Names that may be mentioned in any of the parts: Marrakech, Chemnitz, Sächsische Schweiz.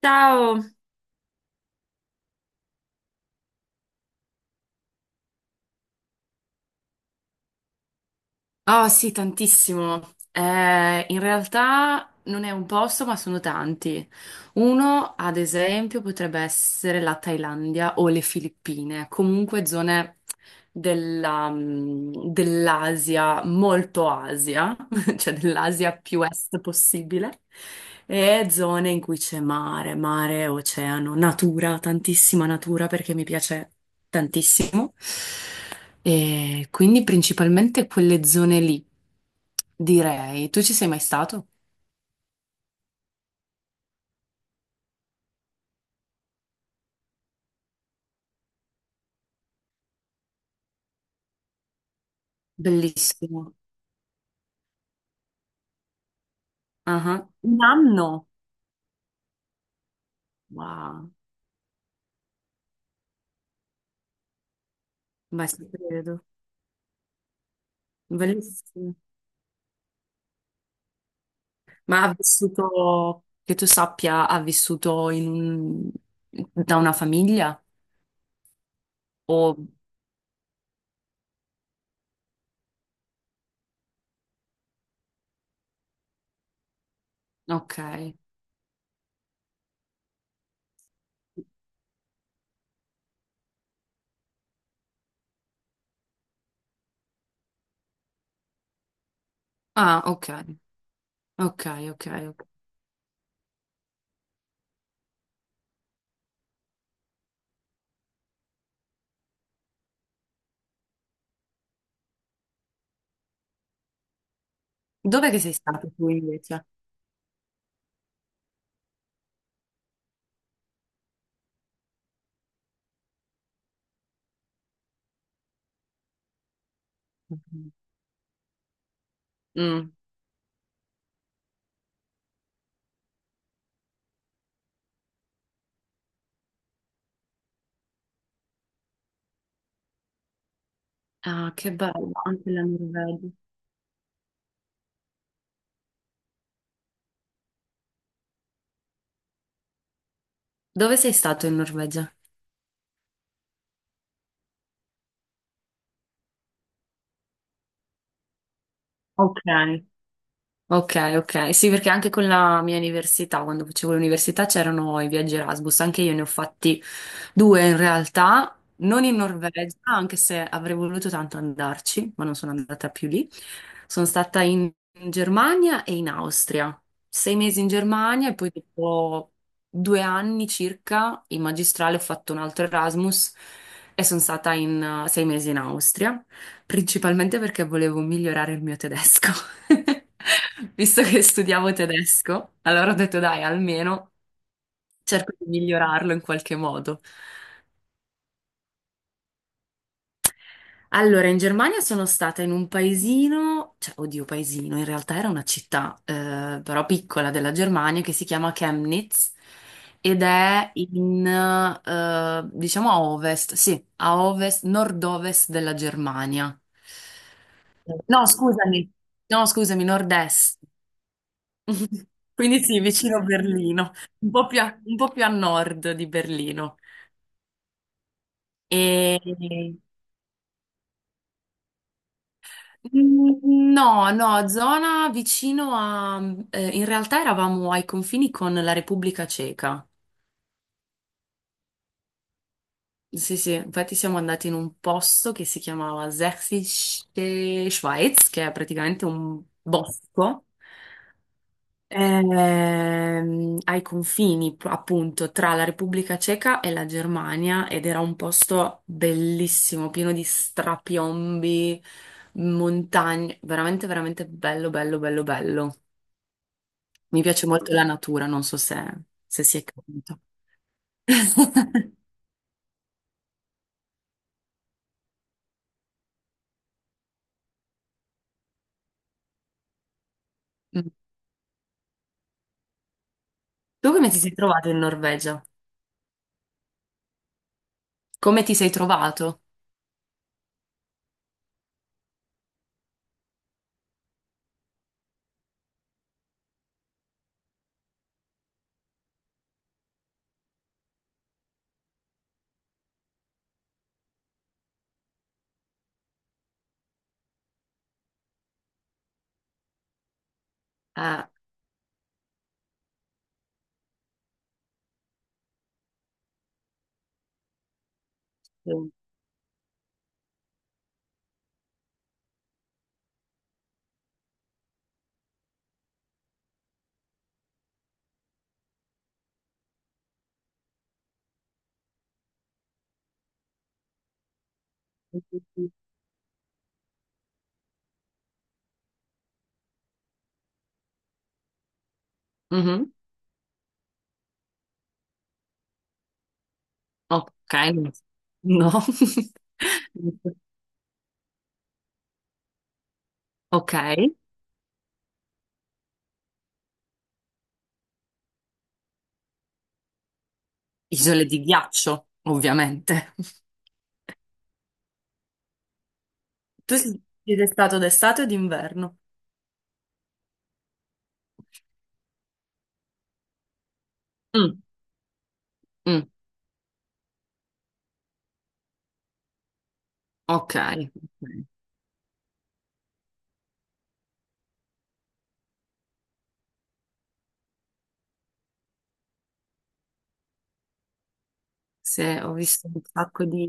Ciao! Oh sì, tantissimo. In realtà non è un posto, ma sono tanti. Uno, ad esempio, potrebbe essere la Thailandia o le Filippine, comunque zone dell'Asia, molto Asia. Cioè dell'Asia più est possibile, e zone in cui c'è mare, mare, oceano, natura, tantissima natura perché mi piace tantissimo. E quindi principalmente quelle zone lì, direi. Tu ci sei mai stato? Bellissimo. Ah, un anno? Wow, ma ci credo. Bellissimo. Ma ha vissuto, che tu sappia, ha vissuto da una famiglia? O... Ok. Ah, ok. Ok, ok, ok. Dov'è che sei stato tu invece? Mm. Ah, che bello, anche la Norvegia. Dove sei stato in Norvegia? Ok. Ok, ok. Sì, perché anche con la mia università, quando facevo l'università, c'erano i viaggi Erasmus. Anche io ne ho fatti due in realtà, non in Norvegia, anche se avrei voluto tanto andarci, ma non sono andata più lì. Sono stata in Germania e in Austria. 6 mesi in Germania e poi dopo 2 anni circa in magistrale ho fatto un altro Erasmus e sono stata in 6 mesi in Austria. Principalmente perché volevo migliorare il mio tedesco. Visto che studiavo tedesco, allora ho detto dai, almeno cerco di migliorarlo in qualche modo. Allora, in Germania sono stata in un paesino, cioè, oddio, paesino, in realtà era una città, però piccola della Germania, che si chiama Chemnitz ed è diciamo a ovest, sì, a ovest, nord-ovest della Germania. No, scusami, no, scusami, nord-est. Quindi sì, vicino a Berlino, un po' più a nord di Berlino. E... No, no, zona in realtà eravamo ai confini con la Repubblica Ceca. Sì, sì, infatti siamo andati in un posto che si chiamava Sächsische Schweiz, che è praticamente un bosco. Ai confini appunto tra la Repubblica Ceca e la Germania ed era un posto bellissimo, pieno di strapiombi, montagne, veramente veramente bello, bello, bello, bello. Mi piace molto la natura, non so se si è capito. Mm. Tu come ti sei trovato in Norvegia? Come ti sei trovato? Ah, sì. Mhm. Ok, no. No. Ok. Isole di ghiaccio, ovviamente. Tu siete stato d'estate o d'inverno? Mm, mm, ok. Ok. Se ho visto un sacco di...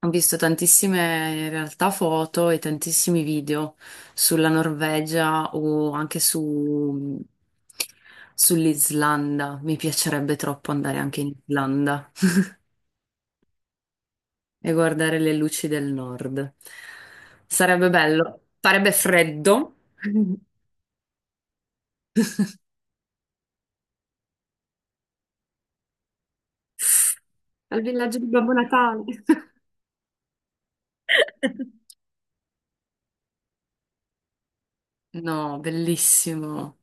Ho visto tantissime in realtà foto e tantissimi video sulla Norvegia o anche sull'Islanda. Mi piacerebbe troppo andare anche in Islanda e guardare le luci del nord. Sarebbe bello. Farebbe freddo. Al villaggio di Babbo Natale. No, bellissimo,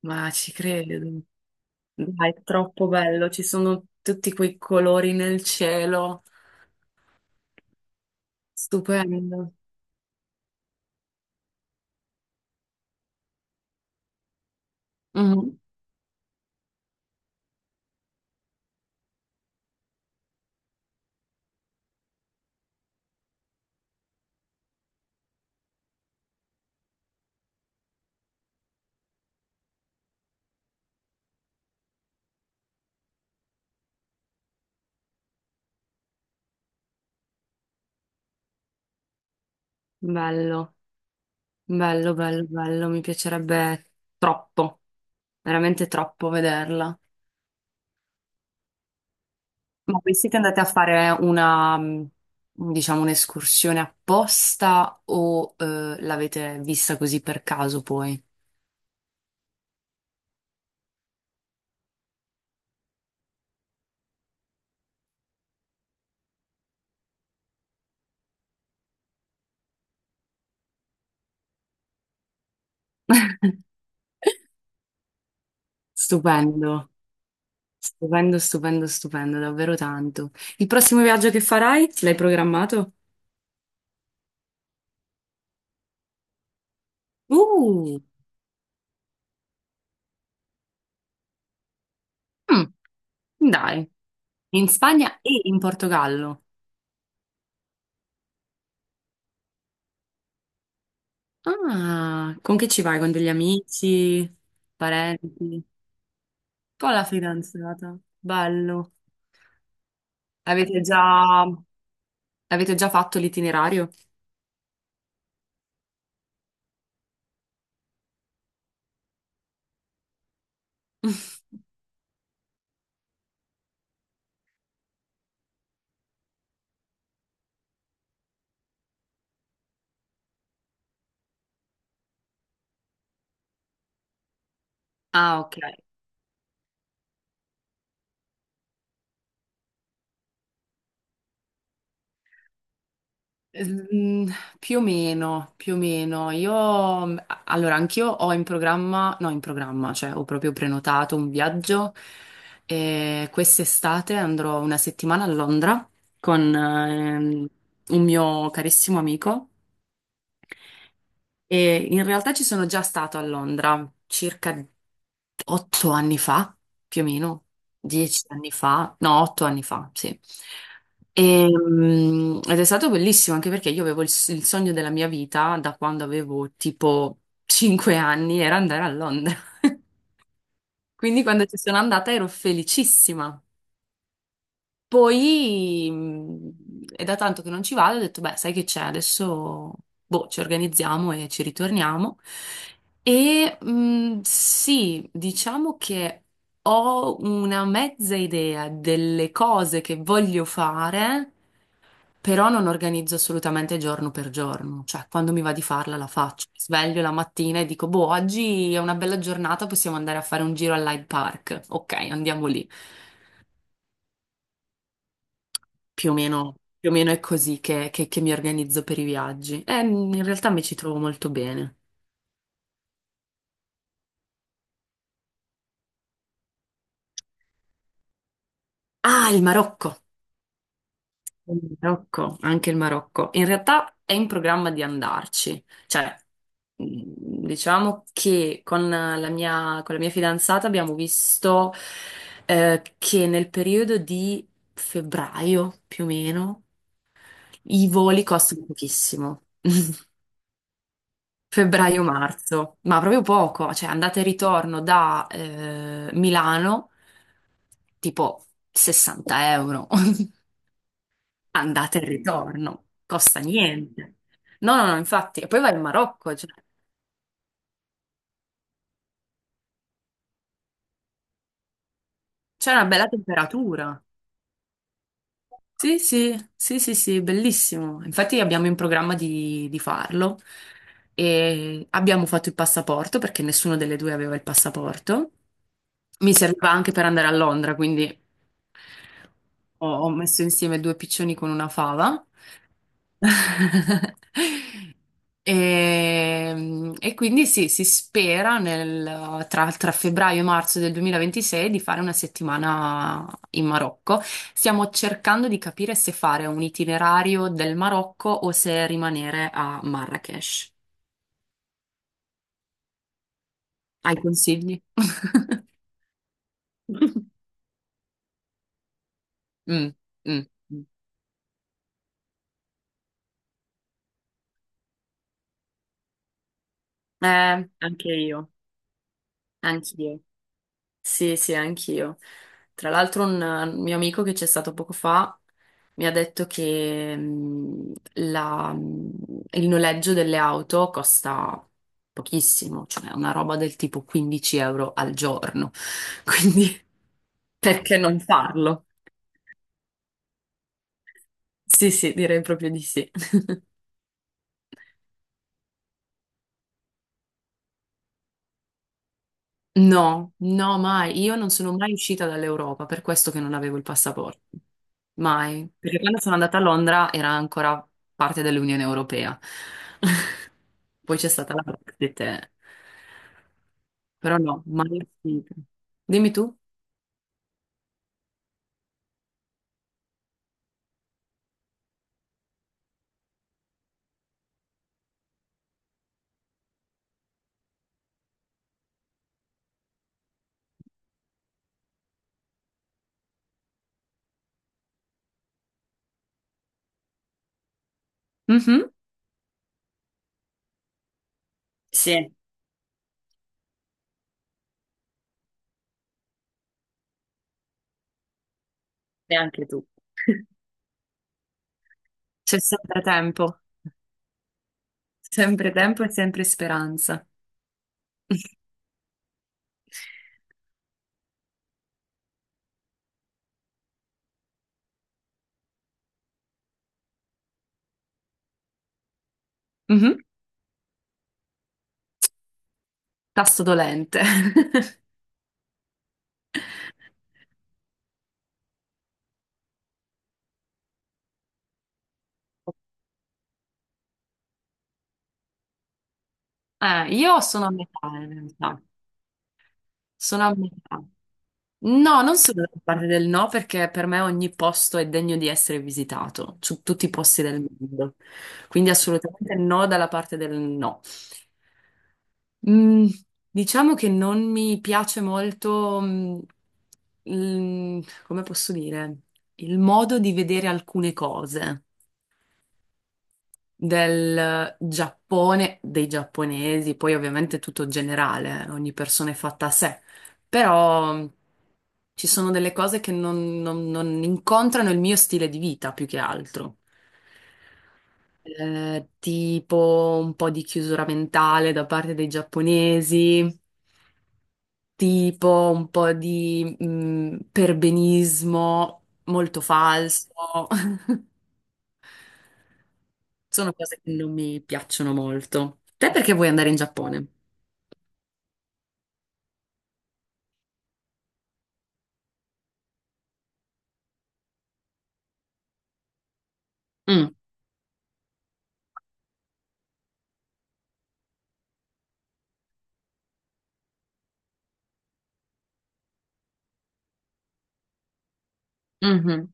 ma ci credo. Dai, è troppo bello, ci sono tutti quei colori nel cielo, stupendo. Mhm. Bello, bello, bello, bello, mi piacerebbe troppo, veramente troppo vederla. Ma voi siete andate a fare diciamo, un'escursione apposta o l'avete vista così per caso poi? Stupendo. Stupendo, stupendo, stupendo, davvero tanto. Il prossimo viaggio che farai? L'hai programmato? Uh, mm, dai, in Spagna e in Portogallo. Ah, con chi ci vai? Con degli amici, parenti, con la fidanzata. Bello. Avete già, avete già fatto l'itinerario? Ah, ok. Mm, Più o meno, più o meno. Io, allora, anch'io ho in programma, no, in programma, cioè ho proprio prenotato un viaggio e quest'estate andrò una settimana a Londra con un mio carissimo amico e in realtà ci sono già stato a Londra circa 8 anni fa, più o meno, 10 anni fa, no, 8 anni fa, sì. Ed è stato bellissimo anche perché io avevo il sogno della mia vita da quando avevo tipo 5 anni, era andare a Londra. Quindi quando ci sono andata ero felicissima. Poi è da tanto che non ci vado, ho detto, beh, sai che c'è, adesso boh, ci organizziamo e ci ritorniamo. E sì, diciamo che ho una mezza idea delle cose che voglio fare, però non organizzo assolutamente giorno per giorno, cioè quando mi va di farla la faccio. Mi sveglio la mattina e dico, boh, oggi è una bella giornata, possiamo andare a fare un giro all'Hyde Park. Ok, andiamo lì. Più o meno è così che mi organizzo per i viaggi. E in realtà mi ci trovo molto bene. Ah, il Marocco! Il Marocco, anche il Marocco. In realtà è in programma di andarci. Cioè, diciamo che con la mia fidanzata abbiamo visto che nel periodo di febbraio, più o meno, i voli costano pochissimo. Febbraio-marzo, ma proprio poco, cioè andate e ritorno da Milano, tipo 60 euro, andate e ritorno, costa niente. No, no, no, infatti, e poi vai in Marocco, cioè, c'è una bella temperatura. Sì, sì, sì, sì, sì, bellissimo. Infatti abbiamo in programma di farlo e abbiamo fatto il passaporto perché nessuno delle due aveva il passaporto. Mi serviva anche per andare a Londra, quindi ho messo insieme due piccioni con una fava. E, quindi sì, si spera tra febbraio e marzo del 2026 di fare una settimana in Marocco. Stiamo cercando di capire se fare un itinerario del Marocco o se rimanere a Marrakech. Hai consigli? Mm, mm, mm. Anche io. Anch'io. Sì, sì, anch'io. Tra l'altro un mio amico che c'è stato poco fa mi ha detto che il noleggio delle auto costa pochissimo, cioè una roba del tipo 15 euro al giorno. Quindi perché non farlo? Sì, sì, direi proprio di sì. No, no, mai. Io non sono mai uscita dall'Europa, per questo che non avevo il passaporto. Mai. Perché quando sono andata a Londra era ancora parte dell'Unione Europea. Poi c'è stata la Brexit. Eh. Però no, mai uscita. Dimmi tu. Mhm. Sì, e anche tu. C'è sempre tempo. Sempre tempo e sempre speranza. Mhm. Tasto dolente. Io sono a metà in realtà. Sono a metà. No, non sono dalla parte del no perché per me ogni posto è degno di essere visitato, su tutti i posti del mondo. Quindi assolutamente no dalla parte del no. Mm, diciamo che non mi piace molto, come posso dire, il modo di vedere alcune cose del Giappone, dei giapponesi, poi ovviamente tutto generale, ogni persona è fatta a sé, però ci sono delle cose che non incontrano il mio stile di vita più che altro. Tipo un po' di chiusura mentale da parte dei giapponesi, tipo un po' di perbenismo molto falso. Sono cose che non mi piacciono molto. Te perché vuoi andare in Giappone? Mm, mhm.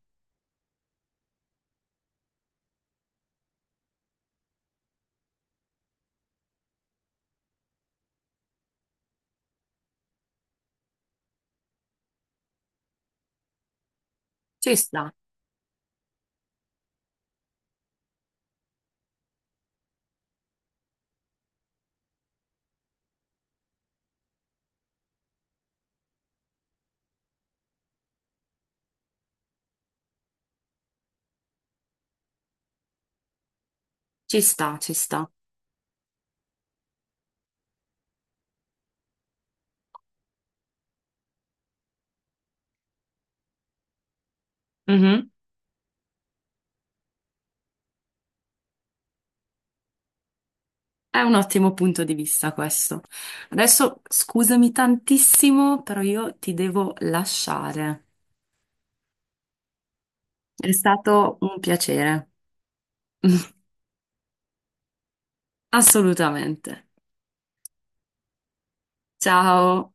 Ci sta, ci sta, ci sta. Mhm. È un ottimo punto di vista questo. Adesso scusami tantissimo, però io ti devo lasciare. È stato un piacere. Assolutamente. Ciao.